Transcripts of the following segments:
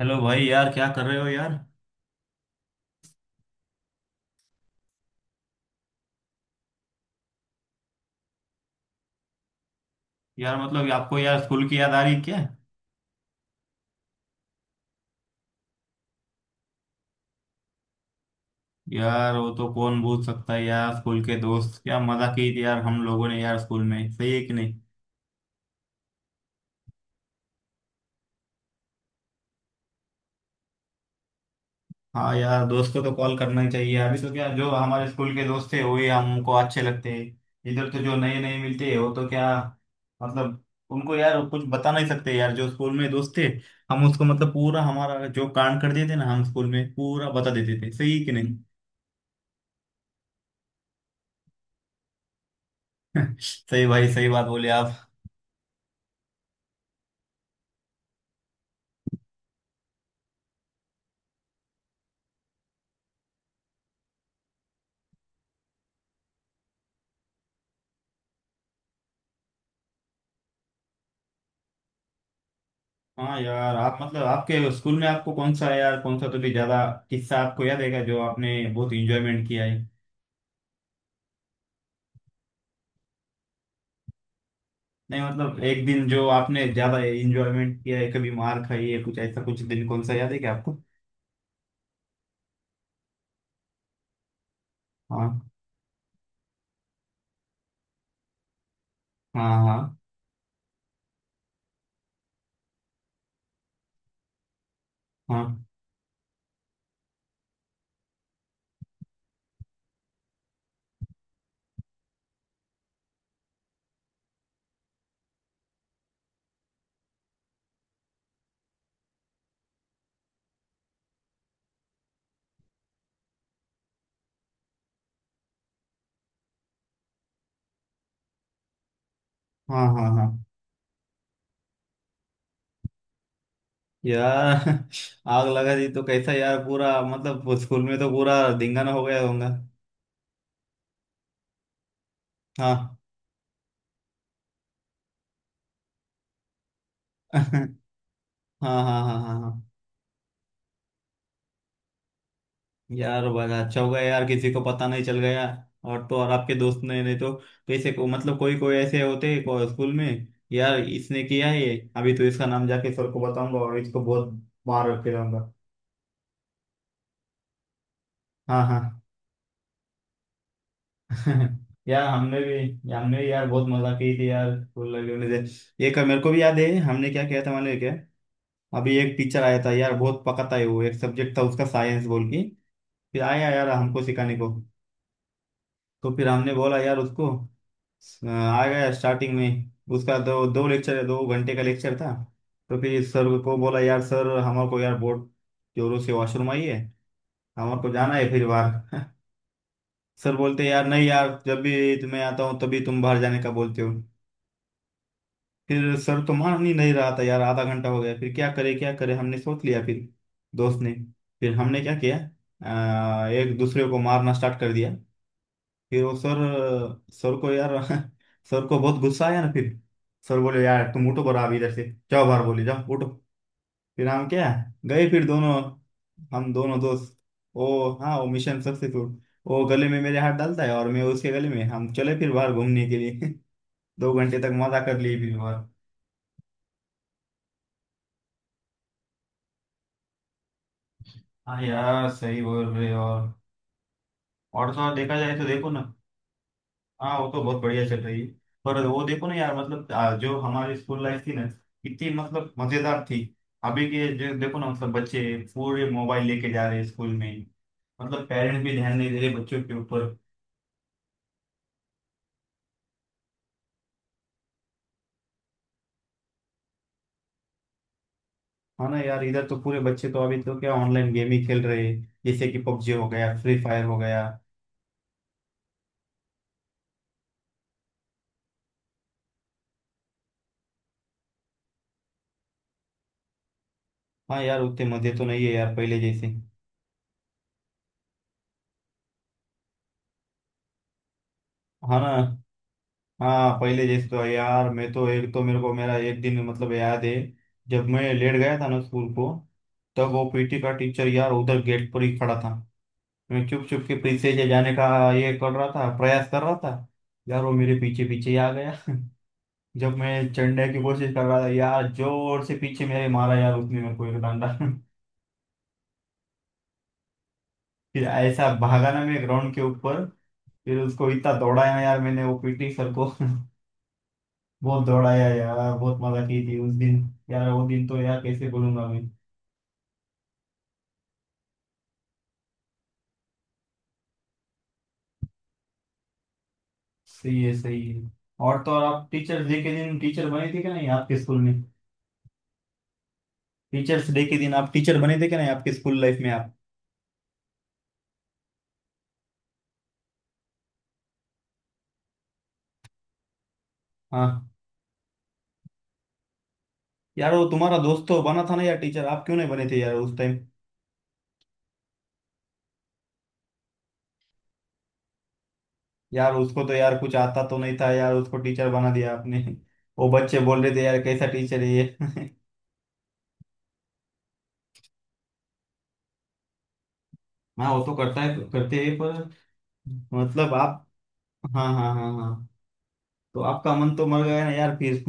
Hello भाई यार क्या कर रहे हो यार। यार मतलब आपको यार स्कूल की याद आ रही क्या। यार वो तो कौन भूल सकता है यार स्कूल के दोस्त क्या मजा की थी यार हम लोगों ने यार स्कूल में सही है कि नहीं। हाँ यार दोस्त को तो कॉल करना ही चाहिए अभी तो क्या जो हमारे स्कूल के दोस्त थे वही हमको अच्छे लगते हैं। इधर तो जो नए नए मिलते हैं वो तो क्या मतलब उनको यार कुछ बता नहीं सकते यार जो स्कूल में दोस्त थे। हम उसको मतलब पूरा हमारा जो कांड कर देते ना हम स्कूल में पूरा बता देते थे सही है कि नहीं। सही भाई सही बात बोले आप। हाँ यार आप मतलब आपके स्कूल में आपको कौन सा यार कौन सा तो भी ज्यादा किस्सा आपको याद है जो आपने बहुत इंजॉयमेंट किया है। नहीं मतलब एक दिन जो आपने ज्यादा इंजॉयमेंट किया है कभी मार खाई है कुछ ऐसा कुछ दिन कौन सा याद है क्या आपको। हाँ, हाँ, हाँ, हाँ, हाँ, हाँ, हाँ। यार आग लगा दी तो कैसा यार पूरा मतलब स्कूल में तो पूरा धिंगाना हो गया होगा। हाँ। हाँ, हाँ, हाँ, हाँ, हाँ। यार बड़ा अच्छा होगा यार किसी को पता नहीं चल गया। और तो और आपके दोस्त ने नहीं तो कैसे को मतलब कोई कोई ऐसे होते हैं स्कूल में। यार इसने किया है ये अभी तो इसका नाम जाके सर को बताऊंगा और इसको बहुत मार के रहूंगा। हाँ, हाँ। यार हमने भी यार बहुत मजा की थी यार स्कूल लाइफ से एक मेरे को भी याद है हमने क्या किया था मालूम है क्या। अभी एक टीचर आया था यार बहुत पकाता है वो एक सब्जेक्ट था उसका साइंस बोल के। फिर आया यार हमको सिखाने को। तो फिर हमने बोला यार उसको। आ गया स्टार्टिंग में। उसका दो दो लेक्चर 2 घंटे का लेक्चर था। तो फिर सर को बोला यार सर हमारे को यार बहुत जोरों से वॉशरूम आई है। हमारे को जाना है फिर बाहर सर बोलते यार नहीं यार जब भी तुम्हें आता हूँ तभी तुम बाहर जाने का बोलते हो। फिर सर तो मान ही नहीं रहा था यार आधा घंटा हो गया फिर क्या करे हमने सोच लिया फिर दोस्त ने फिर हमने क्या किया। एक दूसरे को मारना स्टार्ट कर दिया। फिर वो सर सर को यार सर को बहुत गुस्सा आया ना फिर। सर बोले यार तुम उठो बरा अभी इधर से जाओ बाहर बोले जाओ उठो। फिर हम क्या गए फिर दोनों हम दोनों दोस्त। ओ हाँ वो मिशन सक्सेसफुल। वो गले में मेरे हाथ डालता है और मैं उसके गले में हम चले फिर बाहर घूमने के लिए। 2 घंटे तक मजा कर लिए फिर बाहर। हाँ यार सही बोल रहे हो और तो और देखा जाए तो देखो ना। हाँ वो तो बहुत बढ़िया चल रही है। पर वो देखो ना यार मतलब जो हमारी स्कूल लाइफ थी ना कितनी मतलब मजेदार थी। अभी के जो देखो ना मतलब बच्चे पूरे मोबाइल लेके जा रहे हैं स्कूल में। मतलब पेरेंट्स भी ध्यान नहीं दे रहे बच्चों के ऊपर। है ना यार इधर तो पूरे बच्चे तो अभी तो क्या ऑनलाइन गेम ही खेल रहे हैं जैसे कि पबजी हो गया फ्री फायर हो गया। हाँ यार उतने मजे तो नहीं है यार पहले जैसे। हाँ ना। हाँ पहले जैसे तो है यार मैं तो एक तो मेरे को मेरा एक दिन मतलब याद है। जब मैं लेट गया था ना स्कूल को। तब वो पीटी का टीचर यार उधर गेट पर ही खड़ा था। मैं चुप चुप के पीछे से जाने का ये कर रहा था प्रयास कर रहा था। यार वो मेरे पीछे पीछे ही आ गया। जब मैं चढ़ने की कोशिश कर रहा था यार जोर से पीछे मेरे मारा यार उसने मेरे को एक डंडा फिर ऐसा भागा ना मैं ग्राउंड के ऊपर। फिर उसको इतना दौड़ाया यार मैंने वो पीटी सर को बहुत दौड़ाया यार बहुत मजा की थी उस दिन। यार वो दिन तो यार कैसे बोलूंगा मैं। सही है, सही है। और तो और आप टीचर्स डे के दिन टीचर बने थे क्या नहीं आपके स्कूल में। टीचर्स डे के दिन आप टीचर बने थे क्या नहीं आपके स्कूल लाइफ में आप। हाँ यार वो तुम्हारा दोस्त तो बना था ना यार टीचर आप क्यों नहीं बने थे यार उस टाइम। यार उसको तो यार कुछ आता तो नहीं था यार उसको टीचर बना दिया आपने। वो बच्चे बोल रहे थे यार कैसा टीचर है ये हाँ वो तो करता है करते हैं पर मतलब आप। हाँ, हाँ, हाँ, हाँ। तो आपका मन तो मर गया ना यार फिर।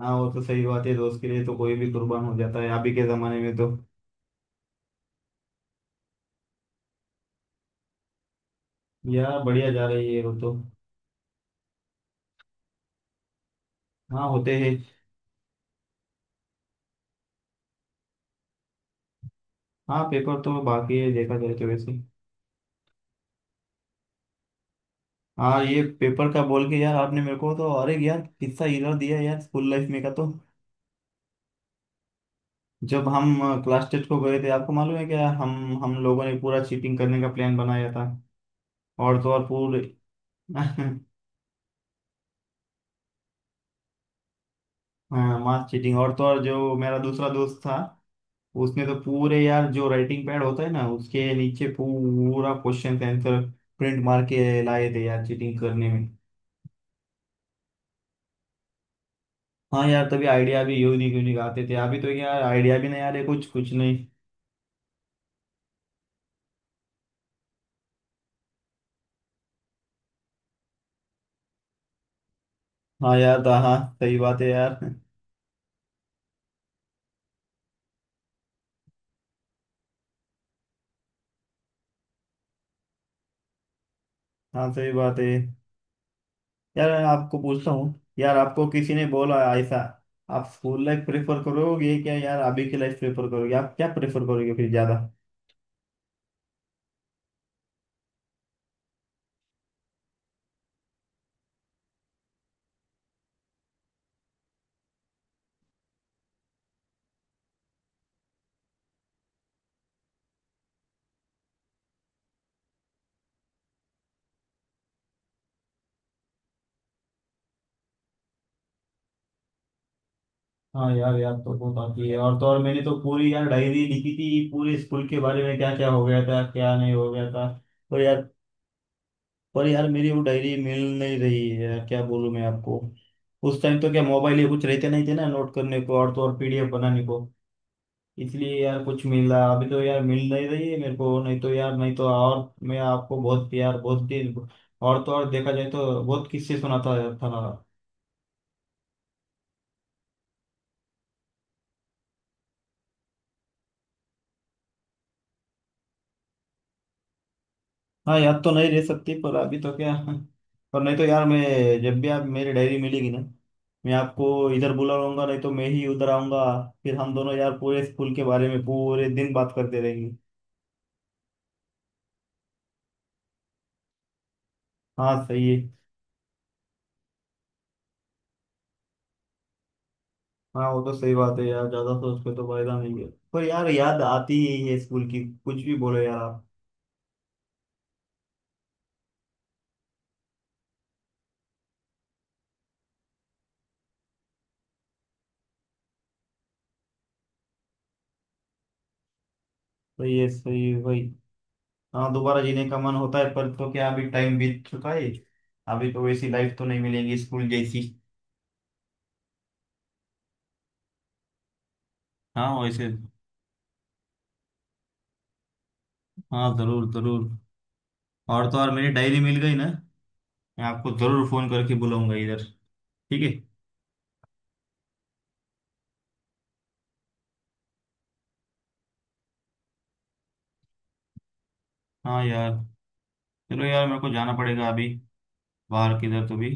हाँ वो तो सही बात है दोस्त के लिए तो कोई भी कुर्बान हो जाता है अभी के जमाने में तो। यार बढ़िया जा रही है वो तो। हाँ होते हैं। हाँ पेपर तो बाकी है देखा जाए तो वैसे। हाँ ये पेपर का बोल के यार आपने मेरे को तो अरे यार किस्सा हिला दिया यार स्कूल लाइफ में का तो। जब हम क्लास टेस्ट को गए थे आपको मालूम है क्या हम लोगों ने पूरा चीटिंग करने का प्लान बनाया था और तो और पूरे हाँ मास चीटिंग और तो और जो मेरा दूसरा दोस्त था उसने तो पूरे यार जो राइटिंग पैड होता है ना उसके नीचे पूरा क्वेश्चन आंसर प्रिंट मार के लाए थे यार चीटिंग करने में। हाँ यार तभी आइडिया भी यूनिक यूनिक आते थे अभी तो यार आइडिया भी नहीं आ रहे कुछ कुछ नहीं। हाँ यार हाँ सही बात है यार। हाँ सही बात है यार आपको पूछता हूँ। यार आपको किसी ने बोला ऐसा। आप स्कूल लाइफ प्रेफर करोगे क्या यार अभी की लाइफ प्रेफर करोगे आप क्या प्रेफर करोगे फिर ज्यादा। हाँ यार याद तो बहुत आती है और तो और मैंने तो पूरी यार डायरी लिखी थी पूरे स्कूल के बारे में क्या क्या हो गया था क्या नहीं हो गया था। पर यार पर यार मेरी वो डायरी मिल नहीं रही है यार क्या बोलूँ मैं आपको। उस टाइम तो क्या मोबाइल ये कुछ रहते नहीं थे ना नोट करने को और तो और पीडीएफ बनाने को। इसलिए यार कुछ मिला अभी तो यार मिल नहीं रही है मेरे को नहीं तो यार नहीं तो और मैं आपको बहुत प्यार बहुत दिन। और तो और देखा जाए तो बहुत किस्से सुनाता था। हाँ याद तो नहीं रह सकती पर अभी तो क्या पर नहीं तो यार मैं जब भी आप मेरी डायरी मिलेगी ना मैं आपको इधर बुलाऊंगा नहीं तो मैं ही उधर आऊंगा। फिर हम दोनों यार पूरे स्कूल के बारे में पूरे दिन बात करते रहेंगे। हाँ सही है। हाँ वो तो सही बात है यार ज्यादा सोच के तो फायदा नहीं है पर यार याद आती ही है स्कूल की कुछ भी बोलो यार आप। तो ये सही है भाई। हाँ दोबारा जीने का मन होता है पर तो क्या अभी टाइम बीत चुका है। अभी तो वैसी लाइफ तो नहीं मिलेगी स्कूल जैसी। हाँ वैसे। हाँ जरूर जरूर। और तो और मेरी डायरी मिल गई ना मैं आपको ज़रूर फ़ोन करके बुलाऊंगा इधर। ठीक है। हाँ यार चलो यार मेरे को जाना पड़ेगा अभी बाहर किधर तो भी।